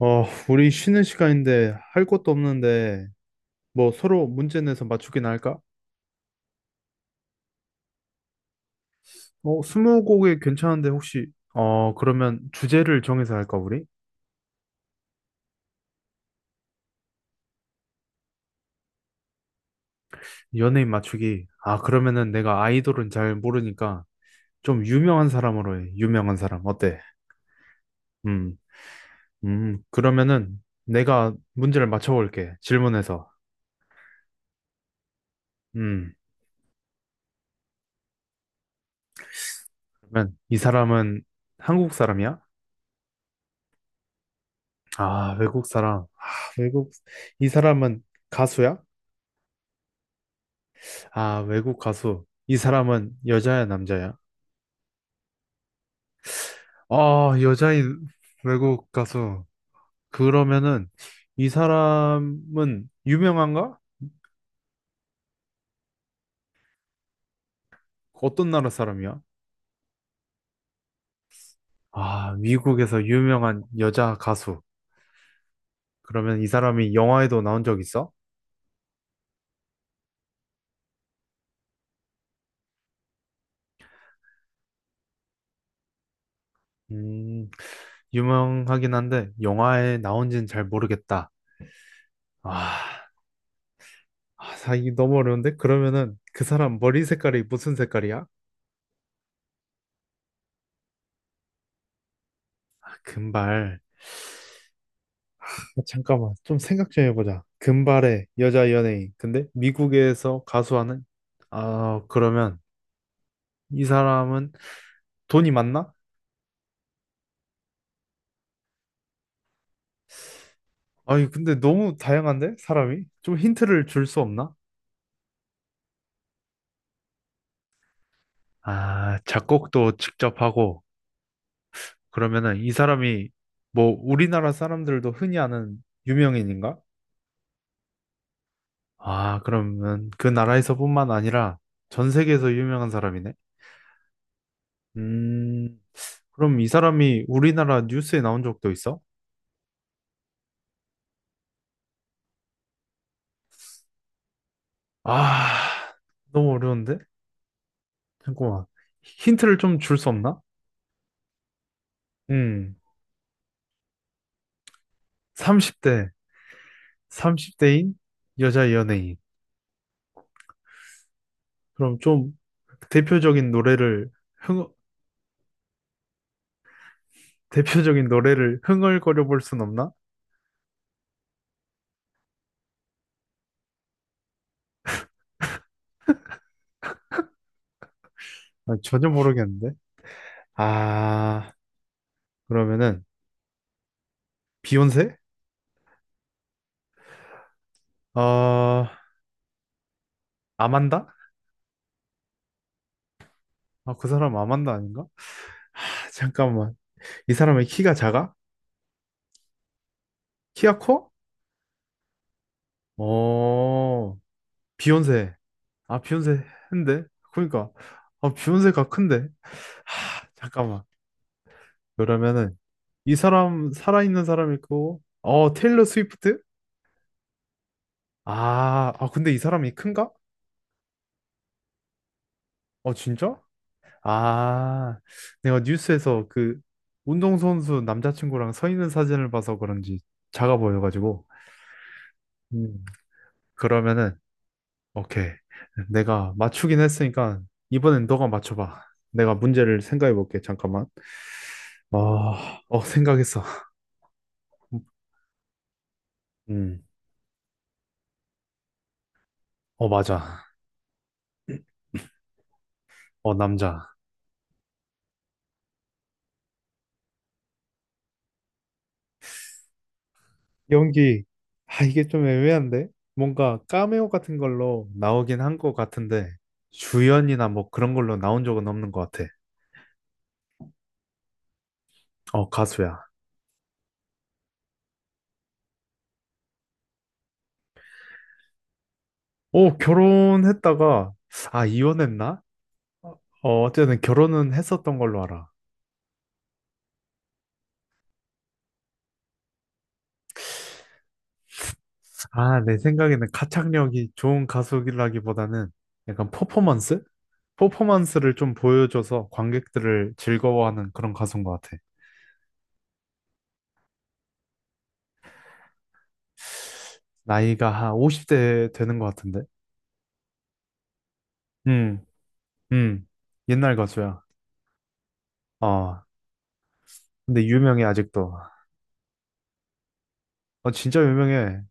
어, 우리 쉬는 시간인데 할 것도 없는데 뭐 서로 문제 내서 맞추기나 할까? 어, 스무고개 괜찮은데 혹시 그러면 주제를 정해서 할까 우리? 연예인 맞추기. 아, 그러면은 내가 아이돌은 잘 모르니까 좀 유명한 사람으로 해. 유명한 사람. 어때? 음. 그러면은 내가 문제를 맞춰 볼게. 질문해서. 음. 그러면 이 사람은 한국 사람이야? 아, 외국 사람. 아, 외국. 이 사람은 가수야? 아, 외국 가수. 이 사람은 여자야, 남자야? 아, 여자인 외국 가수. 그러면은 이 사람은 유명한가? 어떤 나라 사람이야? 아, 미국에서 유명한 여자 가수. 그러면 이 사람이 영화에도 나온 적 있어? 음, 유명하긴 한데 영화에 나온지는 잘 모르겠다. 아, 아, 이게 너무 어려운데? 그러면은 그 사람 머리 색깔이 무슨 색깔이야? 금발. 아, 잠깐만, 좀 생각 좀 해보자. 금발의 여자 연예인. 근데 미국에서 가수하는? 아, 그러면 이 사람은 돈이 많나? 아니, 근데 너무 다양한데? 사람이? 좀 힌트를 줄 수 없나? 아, 작곡도 직접 하고, 그러면은 이 사람이 뭐 우리나라 사람들도 흔히 아는 유명인인가? 아, 그러면 그 나라에서뿐만 아니라 전 세계에서 유명한 사람이네? 음, 그럼 이 사람이 우리나라 뉴스에 나온 적도 있어? 아, 너무 어려운데? 잠깐만. 힌트를 좀 줄 수 없나? 음, 30대, 30대인 여자 연예인. 그럼 좀 대표적인 노래를, 흥, 대표적인 노래를 흥얼거려 볼 순 없나? 아, 전혀 모르겠는데. 아, 그러면은, 비욘세? 어, 아만다? 아, 그 사람 아만다 아닌가? 아, 잠깐만. 이 사람의 키가 작아? 키가 커? 어, 비욘세. 아, 비욘세 했는데? 그러니까, 아, 비욘세가 큰데? 하, 잠깐만. 그러면은, 이 사람, 살아있는 사람 있고, 어, 테일러 스위프트? 아, 아, 근데 이 사람이 큰가? 어, 진짜? 아, 내가 뉴스에서 그, 운동선수 남자친구랑 서 있는 사진을 봐서 그런지 작아 보여가지고. 음, 그러면은, 오케이. 내가 맞추긴 했으니까, 이번엔 너가 맞춰봐. 내가 문제를 생각해 볼게, 잠깐만. 아, 어, 생각했어. 음. 어, 맞아. 어, 남자. 연기, 아, 이게 좀 애매한데? 뭔가 카메오 같은 걸로 나오긴 한 것 같은데, 주연이나 뭐 그런 걸로 나온 적은 없는 것 같아. 어, 가수야. 어, 결혼했다가, 아, 이혼했나? 어, 어쨌든 결혼은 했었던 걸로 알아. 아, 내 생각에는 가창력이 좋은 가수라기보다는 약간 퍼포먼스? 퍼포먼스를 좀 보여줘서 관객들을 즐거워하는 그런 가수인 것 같아. 나이가 한 50대 되는 것 같은데. 음, 음. 옛날 가수야. 어, 근데 유명해, 아직도. 어, 진짜 유명해.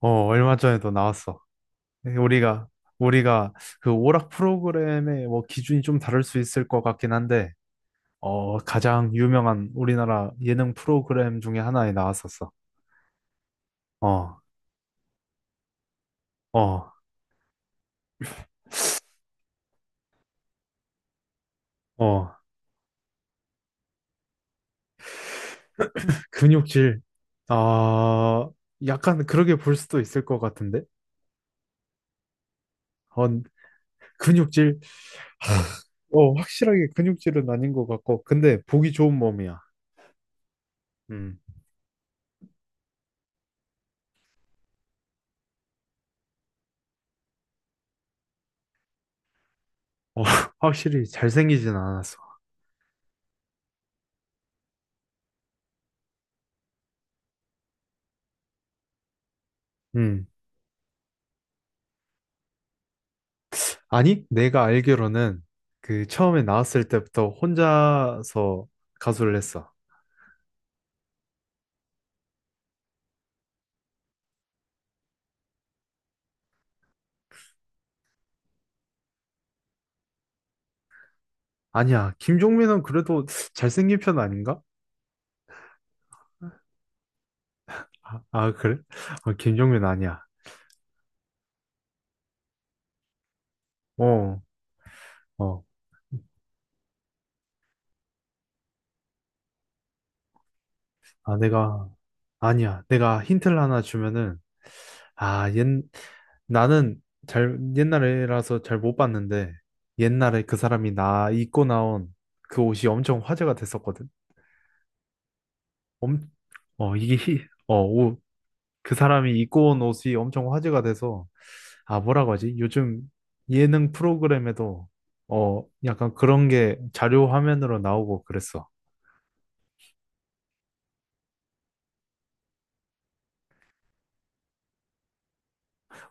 어, 얼마 전에도 나왔어. 우리가, 우리가 그 오락 프로그램의 뭐 기준이 좀 다를 수 있을 것 같긴 한데, 어, 가장 유명한 우리나라 예능 프로그램 중에 하나에 나왔었어. 어, 어, 어. 근육질. 아, 약간 그렇게 볼 수도 있을 것 같은데? 어, 근육질. 어, 확실하게 근육질은 아닌 것 같고, 근데 보기 좋은 몸이야. 음. 어, 확실히 잘생기진 않았어. 음. 아니, 내가 알기로는 그 처음에 나왔을 때부터 혼자서 가수를 했어. 아니야, 김종민은 그래도 잘생긴 편 아닌가? 아, 아, 그래? 어, 김종민 아니야. 어, 어. 아, 내가, 아니야. 내가 힌트를 하나 주면은, 아, 나는 잘, 옛날이라서 잘 못 봤는데, 옛날에 그 사람이 나 입고 나온 그 옷이 엄청 화제가 됐었거든. 엄, 어, 이게, 어, 옷, 그 사람이 입고 온 옷이 엄청 화제가 돼서, 아, 뭐라고 하지? 요즘 예능 프로그램에도, 어, 약간 그런 게 자료 화면으로 나오고 그랬어.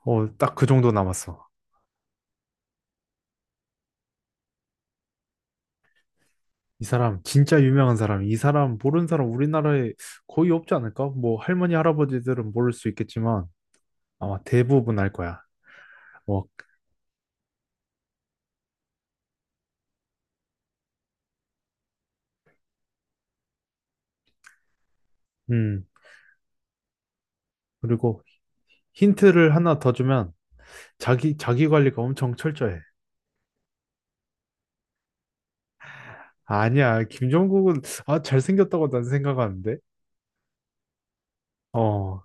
어, 딱 그 정도 남았어. 이 사람 진짜 유명한 사람, 이 사람 모르는 사람 우리나라에 거의 없지 않을까? 뭐 할머니 할아버지들은 모를 수 있겠지만 아마 대부분 알 거야. 뭐, 음. 그리고 힌트를 하나 더 주면 자기 관리가 엄청 철저해. 아니야, 김종국은 아 잘생겼다고 난 생각하는데. 어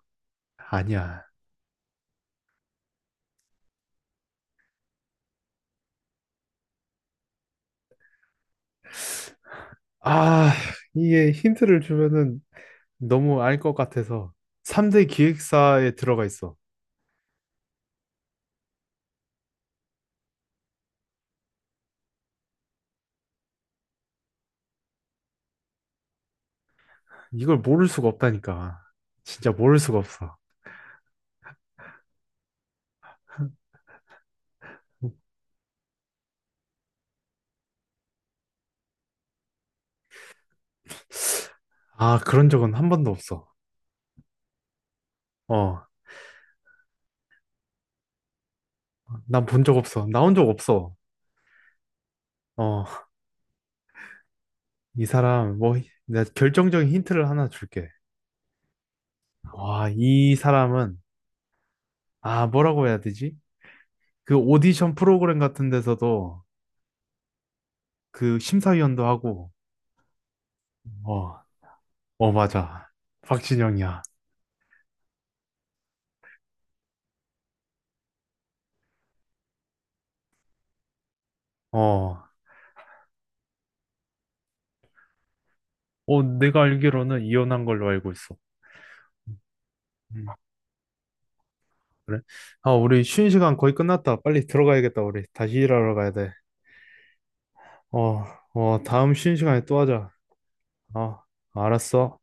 아니야. 아 이게 힌트를 주면은 너무 알 것 같아서 3대 기획사에 들어가 있어. 이걸 모를 수가 없다니까. 진짜 모를 수가 없어. 아, 그런 적은 한 번도 없어. 어, 난 본 적 없어. 나온 적 없어. 어, 이 사람, 뭐, 내가 결정적인 힌트를 하나 줄게. 와, 이 사람은, 아, 뭐라고 해야 되지? 그 오디션 프로그램 같은 데서도 그 심사위원도 하고, 어, 어, 맞아. 박진영이야. 어, 어, 내가 알기로는 이혼한 걸로 알고 있어. 음, 그래? 아, 우리 쉬는 시간 거의 끝났다. 빨리 들어가야겠다, 우리. 다시 일하러 가야 돼. 어, 어, 다음 쉬는 시간에 또 하자. 어, 알았어.